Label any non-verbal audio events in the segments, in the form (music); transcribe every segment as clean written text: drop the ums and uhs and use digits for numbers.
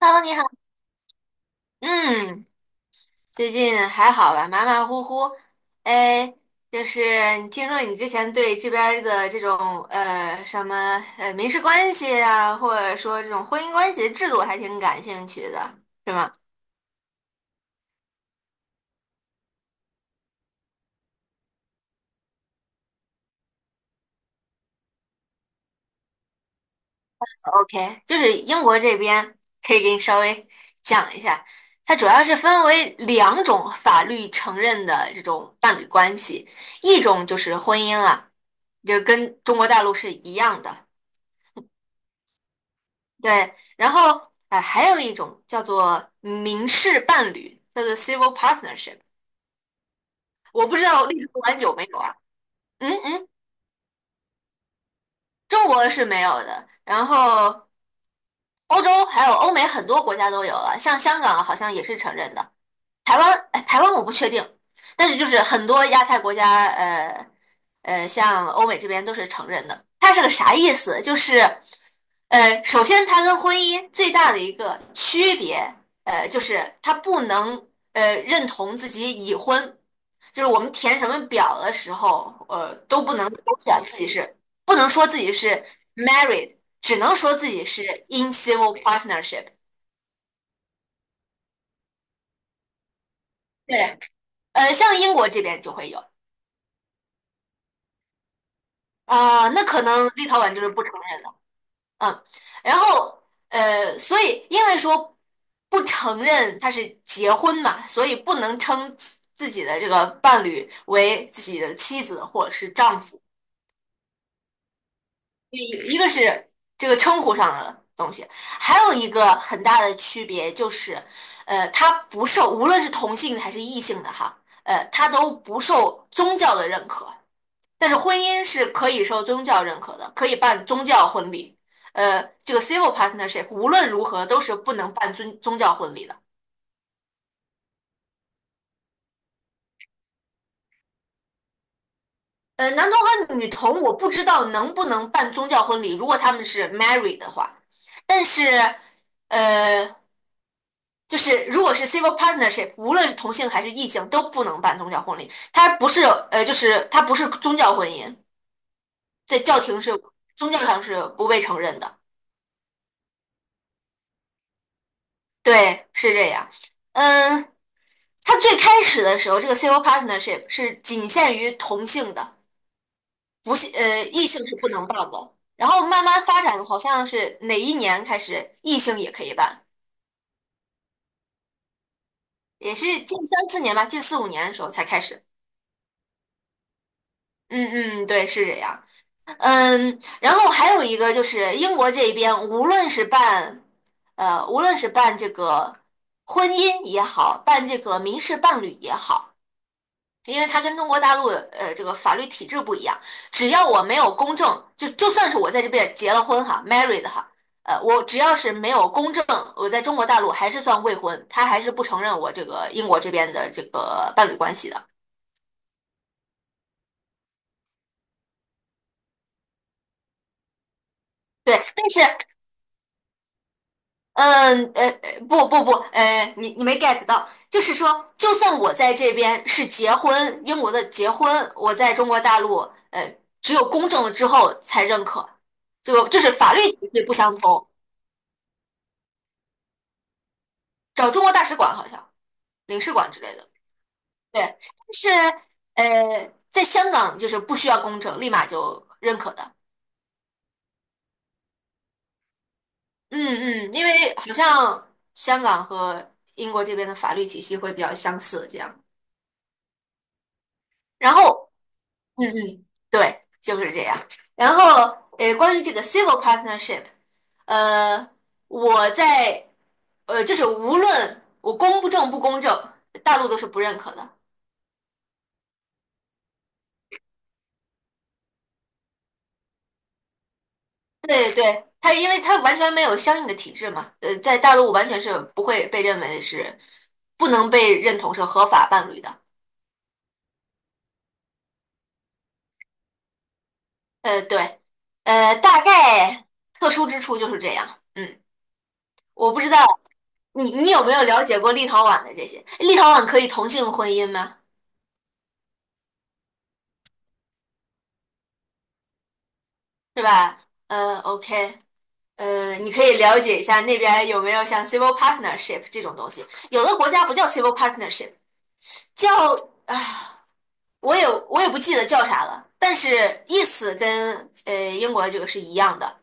Hello，你好。嗯，最近还好吧？马马虎虎。哎，就是你听说你之前对这边儿的这种呃什么呃民事关系啊，或者说这种婚姻关系的制度还挺感兴趣的，是吗？OK,就是英国这边可以给你稍微讲一下，它主要是分为两种法律承认的这种伴侣关系，一种就是婚姻了，就跟中国大陆是一样的。对，然后还有一种叫做民事伴侣，叫做 civil partnership,我不知道立陶宛有没有啊？嗯嗯，中国是没有的，然后欧洲还有欧美很多国家都有了，像香港好像也是承认的，台湾我不确定，但是就是很多亚太国家，像欧美这边都是承认的。它是个啥意思？就是，首先它跟婚姻最大的一个区别，就是它不能认同自己已婚，就是我们填什么表的时候，都不能勾选自己是，不能说自己是 married,只能说自己是 in civil partnership。对，像英国这边就会有。啊、那可能立陶宛就是不承认了，嗯，然后所以因为说不承认他是结婚嘛，所以不能称自己的这个伴侣为自己的妻子或者是丈夫，一一个是这个称呼上的东西，还有一个很大的区别就是，他不受无论是同性还是异性的哈，他都不受宗教的认可。但是婚姻是可以受宗教认可的，可以办宗教婚礼。这个 civil partnership 无论如何都是不能办宗教婚礼的。男同和女同我不知道能不能办宗教婚礼，如果他们是 married 的话。但是，呃，就是如果是 civil partnership,无论是同性还是异性都不能办宗教婚礼，它不是宗教婚姻，在教廷是宗教上是不被承认的。对，是这样。嗯，它最开始的时候，这个 civil partnership 是仅限于同性的，不是异性是不能办的。然后慢慢发展，好像是哪一年开始异性也可以办，也是近三四年吧，近四五年的时候才开始。嗯嗯，对，是这样。嗯，然后还有一个就是英国这边，无论是办这个婚姻也好，办这个民事伴侣也好，因为它跟中国大陆这个法律体制不一样，只要我没有公证，就算是我在这边结了婚哈，married 哈，我只要是没有公证，我在中国大陆还是算未婚，他还是不承认我这个英国这边的这个伴侣关系的。对，但是不不不，你没 get 到，就是说，就算我在这边是结婚，英国的结婚，我在中国大陆呃只有公证了之后才认可，这个就是法律体制不相同。找中国大使馆好像领事馆之类的。对，但是在香港就是不需要公证，立马就认可的。嗯嗯，因为好像香港和英国这边的法律体系会比较相似，这样。然后，嗯嗯，对，就是这样。然后，关于这个 civil partnership,呃，我在就是无论我公不正不公正，大陆都是不认可的。对对，他因为他完全没有相应的体制嘛，在大陆完全是不会被认为是不能被认同是合法伴侣的。对，大概特殊之处就是这样。嗯，我不知道你有没有了解过立陶宛的这些？立陶宛可以同性婚姻吗？是吧？OK,你可以了解一下那边有没有像 civil partnership 这种东西。有的国家不叫 civil partnership,叫啊。我也不记得叫啥了，但是意思跟英国的这个是一样的，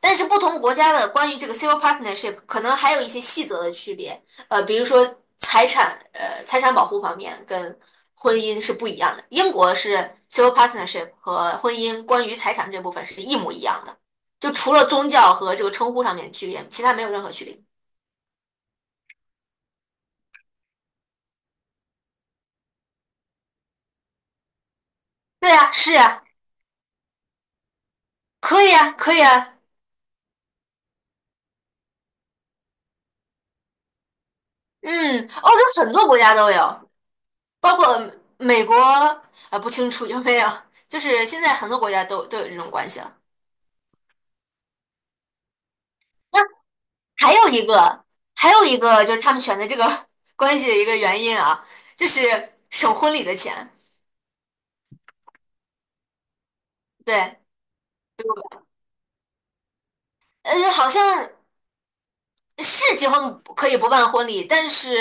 但是不同国家的关于这个 civil partnership 可能还有一些细则的区别，比如说财产保护方面跟婚姻是不一样的，英国是 civil partnership 和婚姻关于财产这部分是一模一样的，就除了宗教和这个称呼上面的区别，其他没有任何区别。对呀，是呀，可以啊，可以啊，嗯，欧洲很多国家都有。包括美国，不清楚有没有，就是现在很多国家都有这种关系了。那还有一个，还有一个就是他们选择这个 (laughs) 关系的一个原因啊，就是省婚礼的钱。对，好像是结婚可以不办婚礼，但是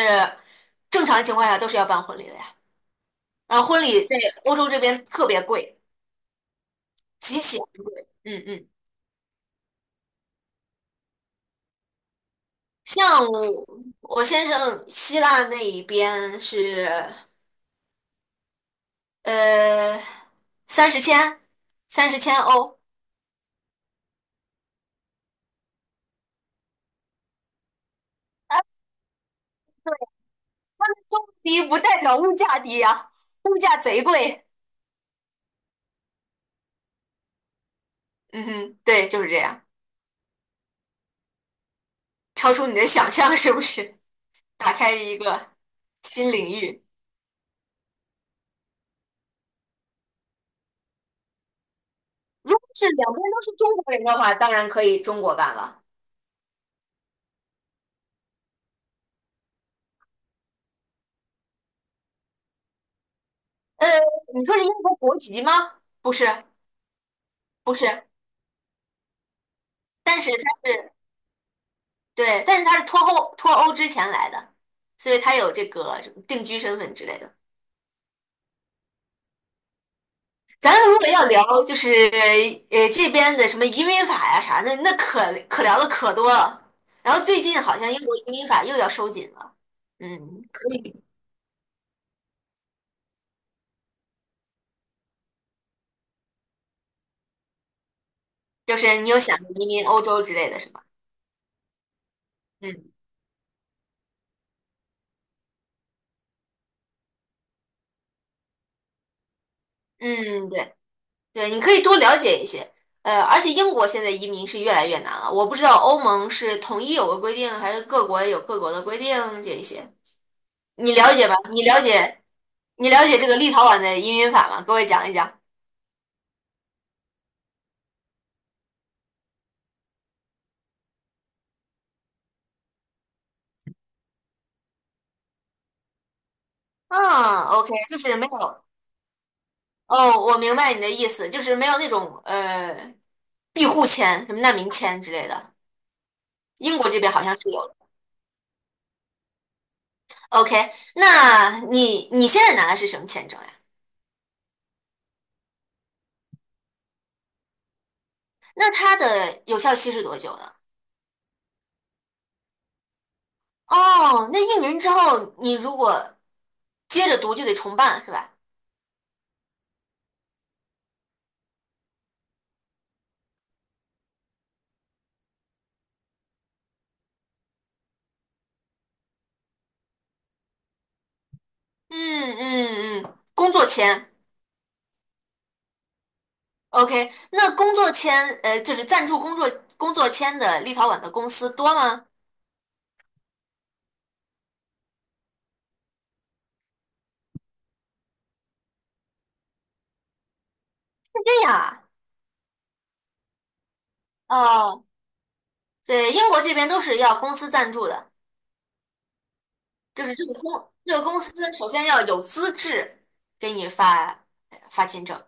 正常情况下都是要办婚礼的呀。然后婚礼在欧洲这边特别贵，极其，嗯嗯，像我我先生希腊那一边是。呃，三十千，30,000欧，低不代表物价低呀，物价贼贵。嗯哼，对，就是这样，超出你的想象是不是？打开了一个新领域。如果是两边都是中国人的话，当然可以中国办了。呃，你说是英国国籍吗？不是，不是，但是他是对，但是他是脱欧之前来的，所以他有这个什么定居身份之类的。咱如果要聊，就是这边的什么移民法呀、啥的，那可聊的可多了。然后最近好像英国移民法又要收紧了，嗯，可以，就是你有想移民欧洲之类的是吧？嗯嗯，对对，你可以多了解一些。而且英国现在移民是越来越难了，我不知道欧盟是统一有个规定，还是各国有各国的规定这一些，你了解吧？你了解这个立陶宛的移民法吗？给我讲一讲。嗯，OK,就是没有。哦，我明白你的意思，就是没有那种庇护签、什么难民签之类的。英国这边好像是有的。OK,那你现在拿的是什么签证呀？那它的有效期是多久呢？哦，那一年之后你如果接着读就得重办是吧？嗯嗯嗯，工作签。OK,那工作签就是赞助工作签的立陶宛的公司多吗？对呀，哦，对，英国这边都是要公司赞助的。就是这个公司首先要有资质给你发签证，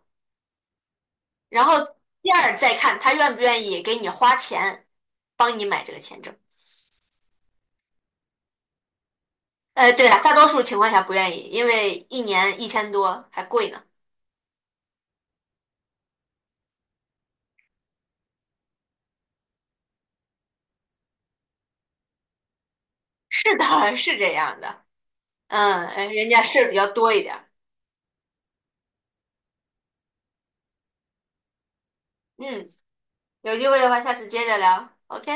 然后第二再看他愿不愿意给你花钱帮你买这个签证。对了，大多数情况下不愿意，因为一年1000多还贵呢。是的，是这样的。嗯，人家事儿比较多一点儿。嗯，有机会的话，下次接着聊。OK。